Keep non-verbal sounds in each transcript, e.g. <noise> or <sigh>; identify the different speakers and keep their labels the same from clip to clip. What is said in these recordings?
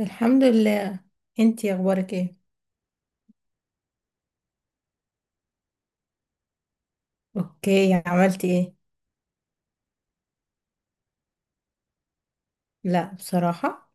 Speaker 1: الحمد لله. انتي اخبارك ايه؟ اوكي، عملتي ايه؟ لا بصراحة.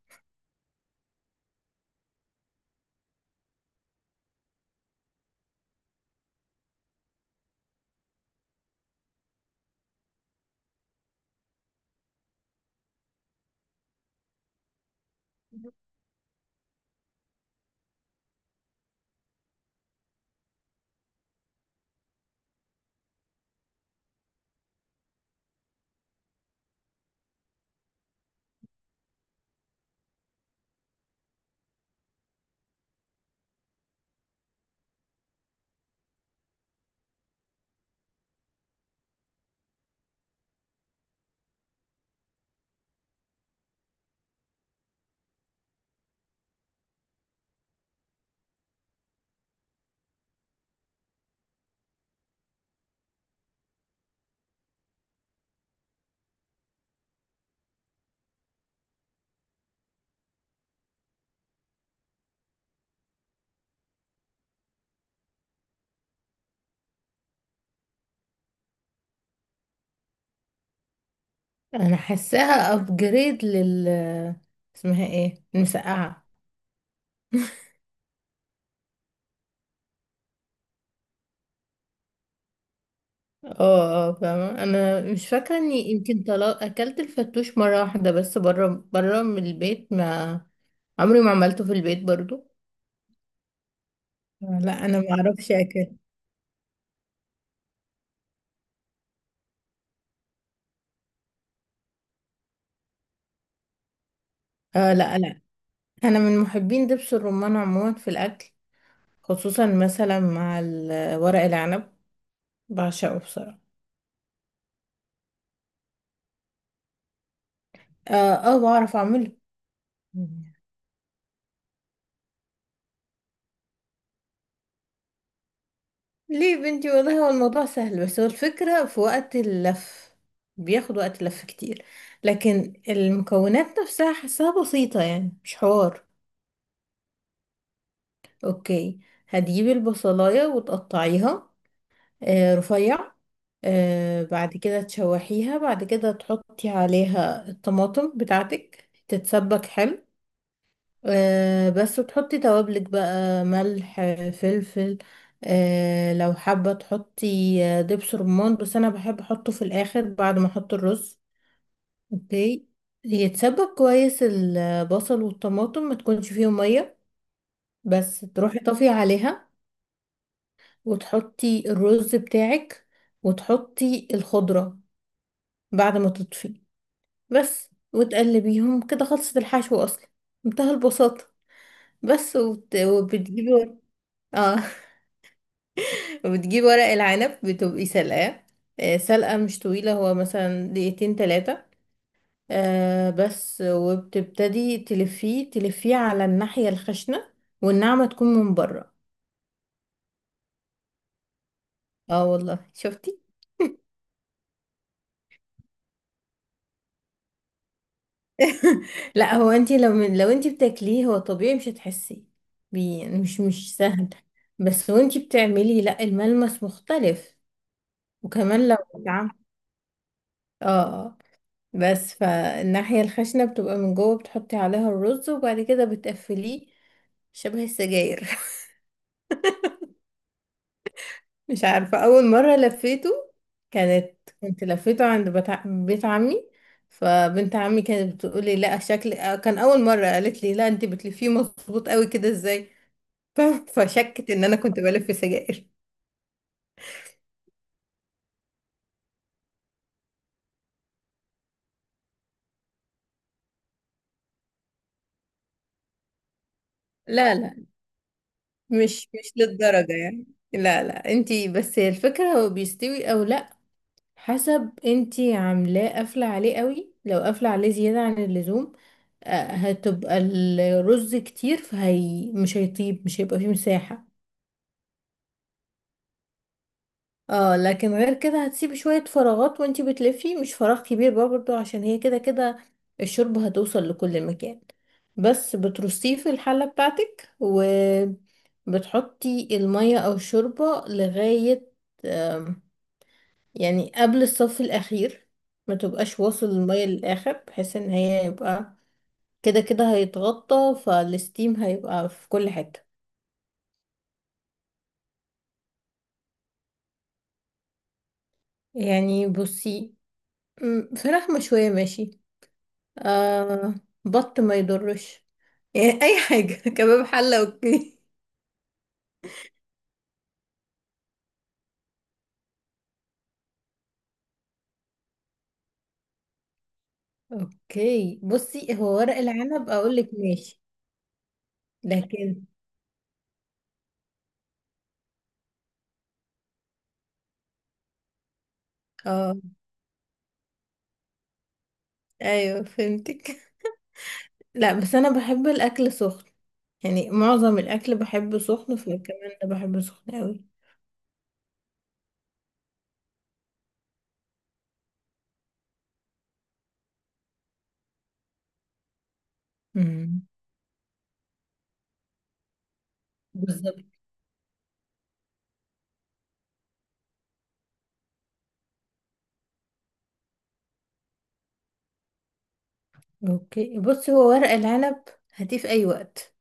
Speaker 1: انا حاساها ابجريد لل اسمها ايه المسقعة. اه، فاهمة. انا مش فاكرة اني يمكن طلع اكلت الفتوش مرة واحدة بس برا برا من البيت، ما عمري ما عملته في البيت برضو. لا انا ما اعرفش اكل. لا، لا، انا من محبين دبس الرمان عموما في الاكل، خصوصا مثلا مع ورق العنب. بعشقه بصراحة. اه، بعرف اعمله. ليه يا بنتي؟ والله هو الموضوع سهل، بس هو الفكرة في وقت اللف. بياخد وقت لف كتير، لكن المكونات نفسها حاساها بسيطة يعني، مش حوار. اوكي، هتجيبي البصلاية وتقطعيها، رفيع. بعد كده تشوحيها، بعد كده تحطي عليها الطماطم بتاعتك، تتسبك حلو. بس تحطي توابلك بقى، ملح، فلفل. لو حابة تحطي دبس رمان، بس أنا بحب أحطه في الآخر بعد ما أحط الرز. اوكي، يتسبك كويس البصل والطماطم، ما تكونش فيهم مية، بس تروحي طافية عليها، وتحطي الرز بتاعك، وتحطي الخضرة بعد ما تطفي بس، وتقلبيهم كده، خلصت الحشو أصلا. منتهى البساطة. بس وبت... وبتجيبي ور- اه. <laughs> وبتجيب ورق العنب، بتبقي سلقاه سلقة مش طويلة، هو مثلا دقيقتين تلاتة. بس، وبتبتدي تلفيه تلفيه على الناحية الخشنة، والناعمة تكون من بره. اه والله، شفتي. <laughs> لا، هو انتي لو من لو انتي بتاكليه، هو طبيعي مش هتحسي بيه يعني، مش سهل. بس وانتي بتعملي، لا، الملمس مختلف. وكمان لو اتعمل، اه. بس، فالناحية الخشنة بتبقى من جوه، بتحطي عليها الرز، وبعد كده بتقفليه شبه السجاير. <laughs> مش عارفة، أول مرة لفيته كانت كنت لفيته عند بيت عمي، فبنت عمي كانت بتقولي، لا شكل، كان أول مرة قالت لي، لا، انت بتلفيه مظبوط قوي كده ازاي؟ <laughs> ف- فشكت ان انا كنت بلف سجاير. <laughs> لا، لا، مش للدرجة يعني. لا، لا، انت بس، هي الفكرة هو بيستوي او لا، حسب انتي عاملاه قافلة عليه قوي. لو قافلة عليه زيادة عن اللزوم، هتبقى الرز كتير فهي مش هيطيب، مش هيبقى فيه مساحة. اه، لكن غير كده هتسيبي شوية فراغات وانتي بتلفي، مش فراغ كبير برضه عشان هي كده كده الشوربة هتوصل لكل مكان. بس بترصيه في الحلة بتاعتك، وبتحطي المية او الشوربة لغاية، يعني قبل الصف الأخير، ما تبقاش واصل المية للآخر، بحيث ان هي يبقى كده كده هيتغطى فالستيم، هيبقى في كل حتة. يعني بصي، فراخ مشوية ماشي، آه بط ما يضرش، <laughs> يعني أي حاجة، <laughs> كباب، حلة، أوكي. أوكي بصي، هو ورق العنب أقولك، ماشي لكن، اه، أيوه فهمتك. لا بس أنا بحب الأكل سخن، يعني معظم الأكل بحبه سخن، فكمان ده بحبه سخن أوي. امم، بالظبط. اوكي بص، هو ورق العنب هاتيه في اي وقت،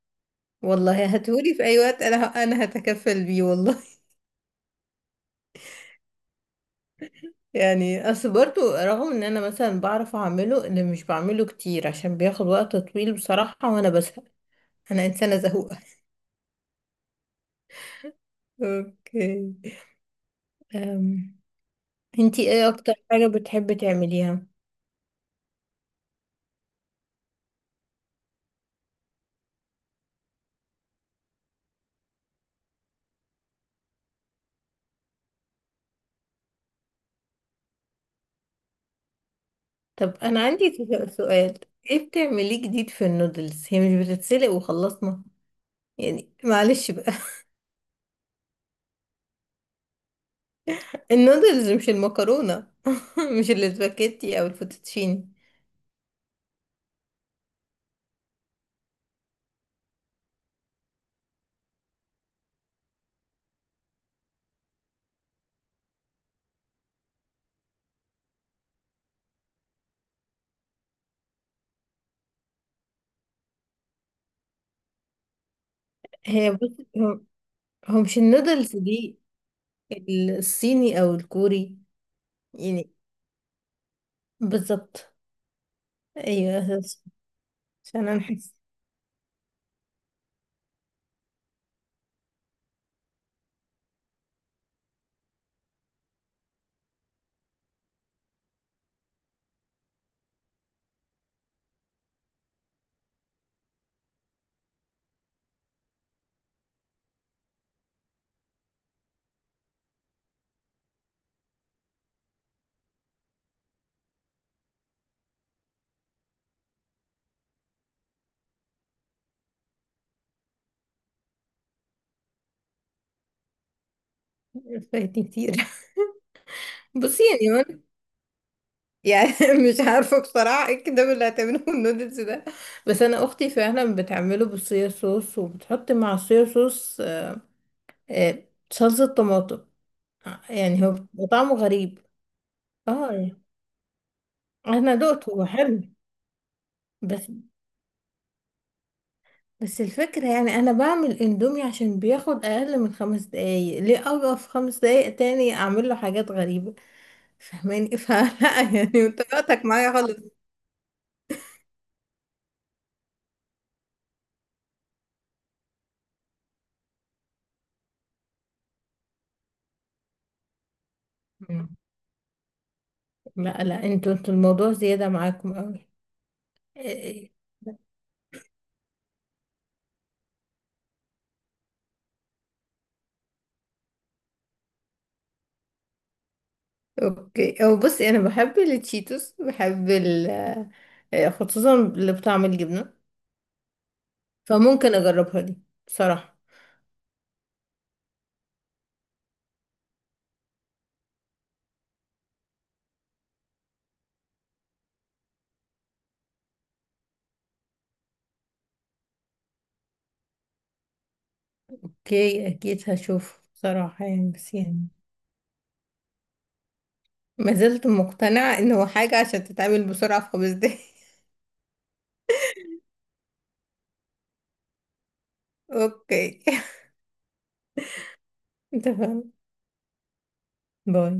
Speaker 1: والله هاتهولي في اي وقت، انا هتكفل بيه والله. <laughs> يعني اصل برضو، رغم ان انا مثلا بعرف اعمله، اللي مش بعمله كتير عشان بياخد وقت طويل بصراحة، وانا بزهق، انا انسانة زهوقة. <laughs> اوكي. أم. انتي ايه اكتر حاجة بتحبي تعمليها؟ طب انا عندي سؤال، ايه بتعمليه جديد في النودلز؟ هي مش بتتسلق وخلصنا يعني؟ معلش، النودلز مش المكرونة، <laughs> مش الاسباجيتي او الفوتوتشيني. هي بص، هو مش النودلز دي، الصيني او الكوري يعني، بالظبط، ايوه. عشان انا حاسه فايتني كتير. <laughs> بصي يعني وانا يعني، <laughs> مش عارفه بصراحه ايه الكلام اللي هتعمله النودلز ده، بس انا اختي فعلا بتعمله بالصويا صوص، وبتحط مع الصويا صوص، آه، صلصه طماطم. يعني هو بيبقى طعمه غريب. اه انا دقته، هو حلو. بس بس الفكرة، يعني أنا بعمل اندومي عشان بياخد أقل من 5 دقايق، ليه أوقف 5 دقايق تاني أعمل له حاجات غريبة؟ فهماني؟ <laughs> فلا يعني انت وقتك معايا خالص. مم. لا، لا، انتوا الموضوع زيادة معاكم أوي. إيه، اوكي او بصي، أنا بحب التشيتوس، بحب ال خصوصا اللي بطعم الجبنة. فممكن أجربها دي بصراحة. اوكي، أكيد هشوف بصراحة، يعني بس يعني، ما زلت مقتنعة انه حاجة عشان تتعمل بسرعة في 5 دقايق. <laughs> اوكي، <laughs> انت فاهم. باي.